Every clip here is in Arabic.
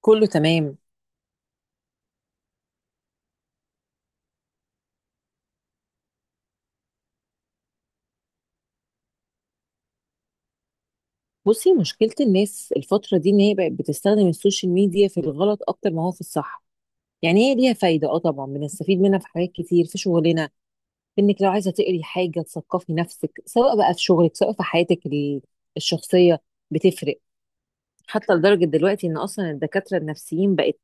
كله تمام. بصي، مشكلة الناس الفترة دي ان هي بقت بتستخدم السوشيال ميديا في الغلط اكتر ما هو في الصح. يعني هي ليها فايدة، اه طبعا بنستفيد منها في حاجات كتير في شغلنا، في انك لو عايزة تقري حاجة تثقفي نفسك سواء بقى في شغلك سواء في حياتك الشخصية، بتفرق. حتى لدرجة دلوقتي ان اصلا الدكاترة النفسيين بقت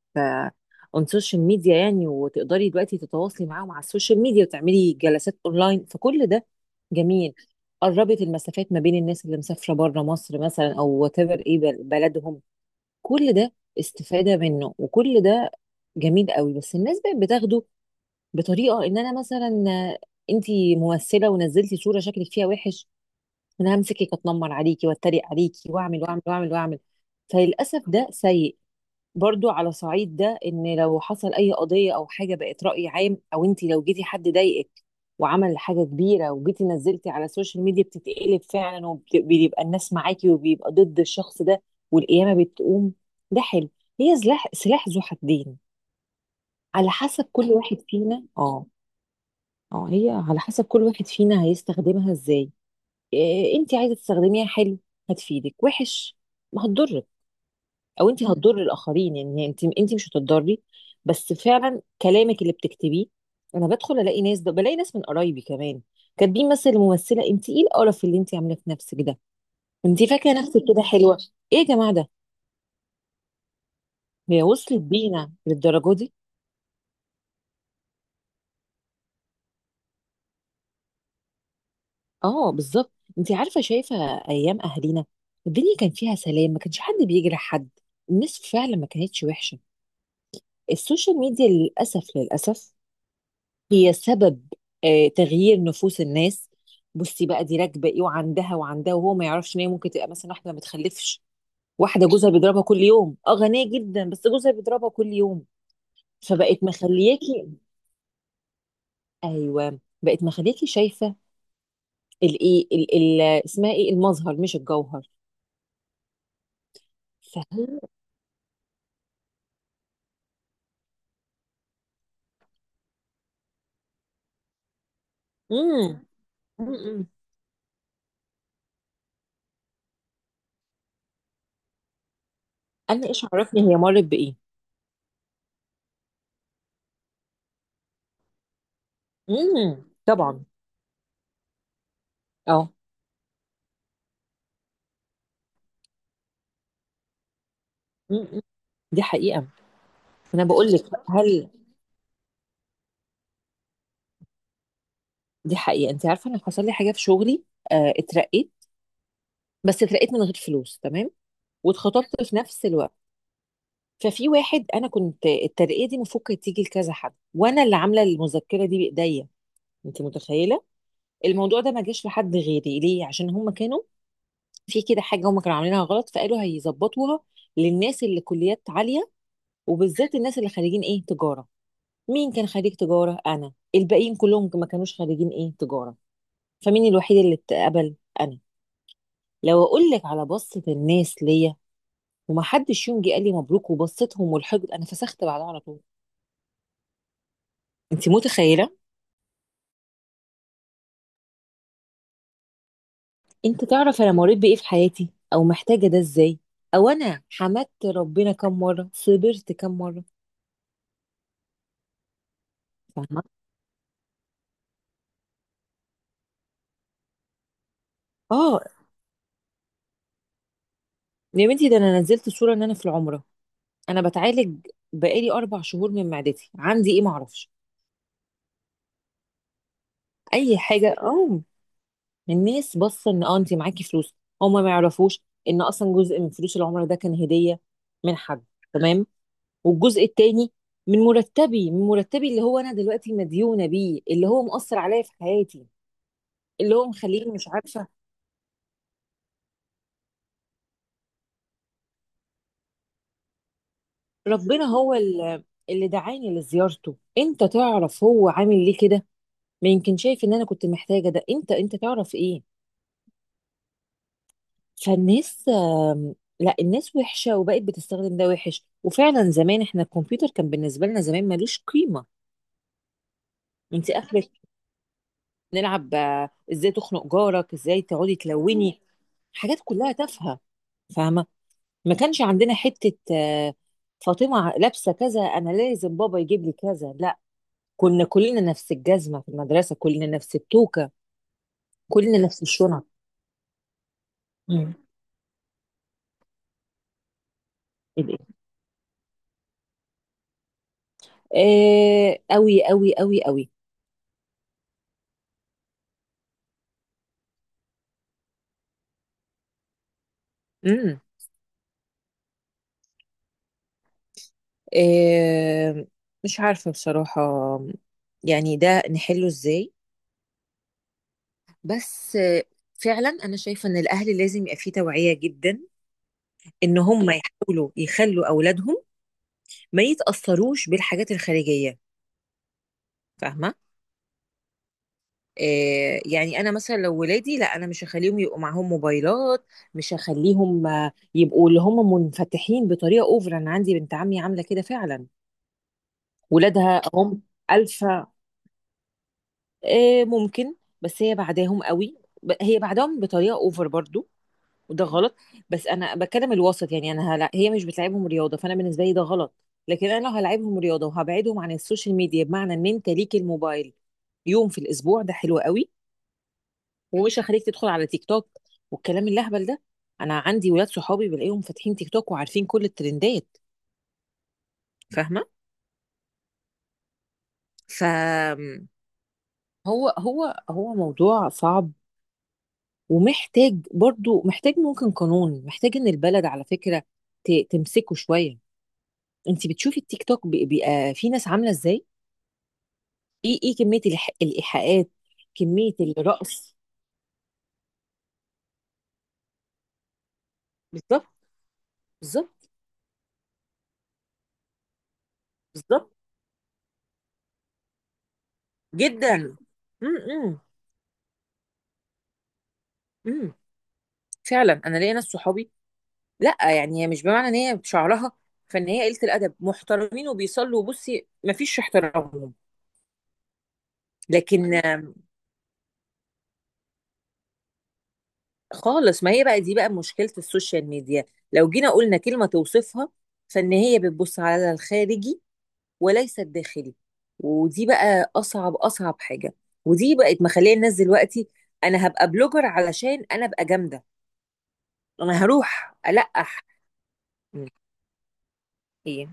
اون سوشيال ميديا، يعني وتقدري دلوقتي تتواصلي معاهم على السوشيال ميديا وتعملي جلسات اونلاين، فكل ده جميل. قربت المسافات ما بين الناس اللي مسافرة بره مصر مثلا او وات ايفر ايه بلدهم. كل ده استفادة منه وكل ده جميل قوي. بس الناس بقت بتاخده بطريقة ان انا مثلا، انتي ممثلة ونزلتي صورة شكلك فيها وحش، انا همسكك اتنمر عليكي واتريق عليكي واعمل واعمل واعمل واعمل. فللاسف ده سيء. برضو على صعيد ده، ان لو حصل اي قضيه او حاجه بقت راي عام، او انت لو جيتي حد ضايقك وعمل حاجه كبيره وجيتي نزلتي على السوشيال ميديا، بتتقلب فعلا وبيبقى الناس معاكي وبيبقى ضد الشخص ده والقيامه بتقوم. ده حلو. هي سلاح ذو حدين، على حسب كل واحد فينا. اه، اه هي على حسب كل واحد فينا هيستخدمها ازاي. إيه، انت عايزه تستخدميها حلو هتفيدك، وحش ما هتضرك. او انت هتضر الاخرين، يعني انت مش هتضري، بس فعلا كلامك اللي بتكتبيه. انا بدخل الاقي ناس بلاقي ناس من قرايبي كمان كاتبين مثلا، الممثله انت ايه القرف اللي انت عاملاه في نفسك ده، انت فاكره نفسك كده حلوه. ايه يا جماعه ده، هي وصلت بينا للدرجه دي؟ اه، بالظبط. انت عارفه شايفه، ايام اهالينا الدنيا كان فيها سلام، ما كانش حد بيجرح حد. الناس فعلا ما كانتش وحشه. السوشيال ميديا للاسف للاسف هي سبب تغيير نفوس الناس. بصي بقى، دي راكبه ايه وعندها وعندها، وهو ما يعرفش ان هي ممكن تبقى مثلا واحده ما بتخلفش، واحده جوزها بيضربها كل يوم. اه غنيه جدا بس جوزها بيضربها كل يوم. فبقت مخلياكي، ايوه بقت مخلياكي شايفه الايه اسمها ايه، المظهر مش الجوهر. فهي امم امم انا ايش عرفني هي مرت بايه. طبعا. اه. امم دي حقيقه. انا بقول لك، هل دي حقيقة؟ انت عارفة انا حصل لي حاجة في شغلي، اترقيت. بس اترقيت من غير فلوس، تمام، واتخطبت في نفس الوقت. ففي واحد، انا كنت الترقية دي المفروض كانت تيجي لكذا حد وانا اللي عاملة المذكرة دي بايديا، انت متخيلة؟ الموضوع ده ما جاش لحد غيري ليه؟ عشان هم كانوا في كده حاجة، هم كانوا عاملينها غلط فقالوا هيظبطوها للناس اللي كليات عالية، وبالذات الناس اللي خريجين ايه تجارة. مين كان خريج تجارة؟ انا. الباقيين كلهم ما كانوش خريجين ايه تجارة. فمين الوحيد اللي اتقبل؟ انا. لو اقول لك على بصة الناس ليا، ومحدش يوم جه قال لي مبروك، وبصتهم والحقد، انا فسخت بعدها على طول. انت متخيلة؟ انت تعرف انا مريت بايه في حياتي، او محتاجة ده ازاي، او انا حمدت ربنا كم مرة، صبرت كم مرة، فاهمة؟ اه يا بنتي، ده انا نزلت صورة ان انا في العمرة، انا بتعالج بقالي 4 شهور من معدتي، عندي ايه معرفش، اي حاجة. اه الناس باصة ان انت معاكي فلوس، هما ما يعرفوش ان اصلا جزء من فلوس العمرة ده كان هدية من حد، تمام، والجزء التاني من مرتبي اللي هو انا دلوقتي مديونه بيه، اللي هو مؤثر عليا في حياتي، اللي هو مخليني مش عارفه. ربنا هو اللي دعاني لزيارته، انت تعرف هو عامل ليه كده؟ ما يمكن شايف ان انا كنت محتاجه ده، انت تعرف ايه. فالناس آم، لا، الناس وحشه وبقت بتستخدم ده وحش. وفعلا زمان احنا الكمبيوتر كان بالنسبه لنا زمان ملوش قيمه، انت اخرك نلعب ازاي تخنق جارك، ازاي تقعدي تلوني، حاجات كلها تافهه، فاهمه. ما كانش عندنا حتة فاطمة لابسة كذا، أنا لازم بابا يجيب لي كذا. لا، كنا كلنا نفس الجزمة في المدرسة، كلنا نفس التوكة، كلنا نفس الشنط. امم أوي أوي أوي أوي. امم آه مش عارفة بصراحة يعني ده نحله إزاي. بس فعلا أنا شايفة إن الأهل لازم يبقى فيه توعية جدا، إن هم يحاولوا يخلوا أولادهم ما يتأثروش بالحاجات الخارجية، فاهمة؟ يعني انا مثلا لو ولادي، لا انا مش هخليهم يبقوا معاهم موبايلات، مش هخليهم يبقوا اللي هم منفتحين بطريقه اوفر. انا عندي بنت عمي عامله كده فعلا، ولادها هم الفا. ممكن، بس هي بعداهم قوي، هي بعدهم بطريقه اوفر برضو، وده غلط. بس انا بتكلم الوسط. يعني انا هلا هي مش بتلعبهم رياضه، فانا بالنسبه لي ده غلط، لكن انا لو هلعبهم رياضه وهبعدهم عن السوشيال ميديا بمعنى ان انت ليك الموبايل يوم في الاسبوع، ده حلو قوي، ومش هخليك تدخل على تيك توك والكلام اللهبل ده. انا عندي ولاد صحابي بلاقيهم فاتحين تيك توك وعارفين كل الترندات، فاهمه. ف هو موضوع صعب، ومحتاج، برضو محتاج، ممكن قانون، محتاج ان البلد على فكره تمسكه شويه. انت بتشوفي التيك توك، بيبقى في ناس عامله ازاي؟ ايه كميه الايحاءات، كميه الرقص. بالظبط. بالظبط بالظبط جدا. امم امم إمم. فعلا انا ليا ناس صحابي، لا يعني هي مش بمعنى ان هي شعرها فان هي قلة الادب، محترمين وبيصلوا، وبصي مفيش احترامهم. لكن خالص. ما هي بقى دي بقى مشكلة السوشيال ميديا، لو جينا قلنا كلمة توصفها، فان هي بتبص على الخارجي وليس الداخلي، ودي بقى اصعب اصعب حاجة، ودي بقت مخليه الناس دلوقتي، انا هبقى بلوجر علشان انا ابقى جامدة، انا هروح القح. م. ايه.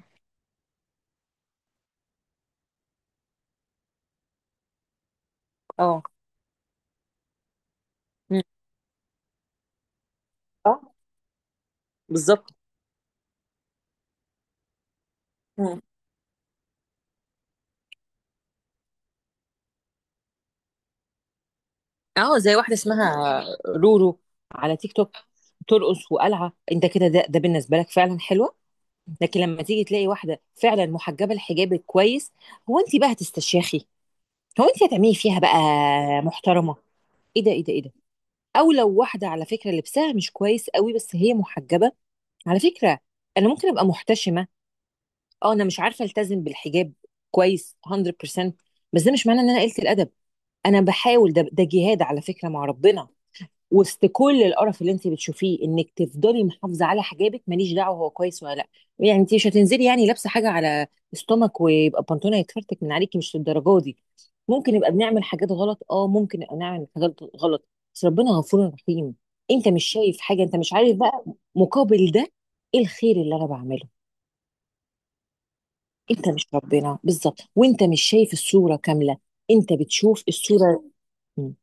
اه. م. اه. بالظبط. اه، زي واحده اسمها رورو على تيك توك، ترقص وقلعه، انت كده ده بالنسبه لك فعلا حلوه. لكن لما تيجي تلاقي واحده فعلا محجبه الحجاب الكويس، هو انت بقى هتستشيخي؟ هو انت هتعملي فيها بقى محترمه، ايه ده ايه ده ايه ده؟ او لو واحده على فكره لبسها مش كويس قوي بس هي محجبه، على فكره انا ممكن ابقى محتشمه، اه انا مش عارفه التزم بالحجاب كويس 100%، بس ده مش معناه ان انا قلت الادب. انا بحاول، ده جهاد على فكره مع ربنا. وسط كل القرف اللي انت بتشوفيه انك تفضلي محافظه على حجابك، ماليش دعوه هو كويس ولا لا. يعني انت مش هتنزلي يعني لابسه حاجه على استومك ويبقى البنطلون هيتفرتك من عليكي، مش للدرجه دي. ممكن نبقى بنعمل حاجات غلط، اه ممكن نبقى نعمل حاجات غلط، بس ربنا غفور رحيم. انت مش شايف حاجه، انت مش عارف بقى مقابل ده ايه الخير اللي انا بعمله. انت مش ربنا بالظبط، وانت مش شايف الصوره كامله، انت بتشوف الصوره. مم.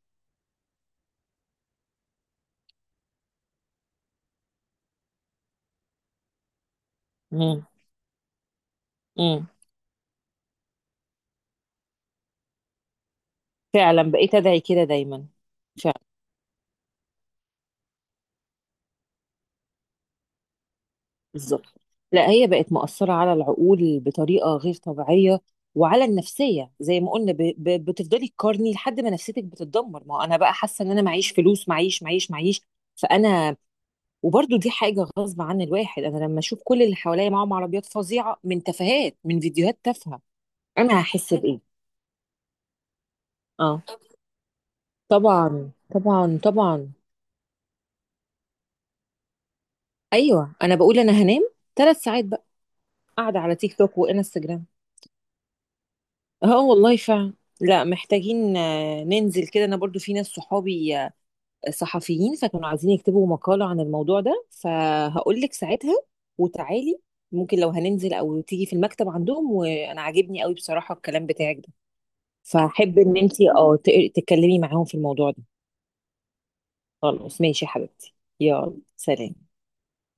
مم. مم. فعلا بقيت ادعي كده دايما. بالظبط. لا هي بقت مؤثرة على العقول بطريقة غير طبيعية، وعلى النفسية زي ما قلنا، بتفضلي تقارني لحد ما نفسيتك بتتدمر. ما هو انا بقى حاسة ان انا معيش فلوس، معيش معيش معيش. فانا، وبرضو دي حاجة غصب عن الواحد، انا لما اشوف كل اللي حواليا معاهم عربيات فظيعة من تفاهات، من فيديوهات تافهة، انا هحس بايه؟ اه طبعا طبعا طبعا. ايوه انا بقول انا هنام 3 ساعات بقى قاعدة على تيك توك وانستجرام. اه والله فعلا. لا محتاجين ننزل كده، انا برضو في ناس صحابي صحفيين، فكانوا عايزين يكتبوا مقالة عن الموضوع ده، فهقول لك ساعتها وتعالي. ممكن لو هننزل او تيجي في المكتب عندهم، وانا عاجبني قوي بصراحة الكلام بتاعك ده، فاحب ان انتي تتكلمي معاهم في الموضوع ده. خلاص ماشي يا حبيبتي. يلا سلام.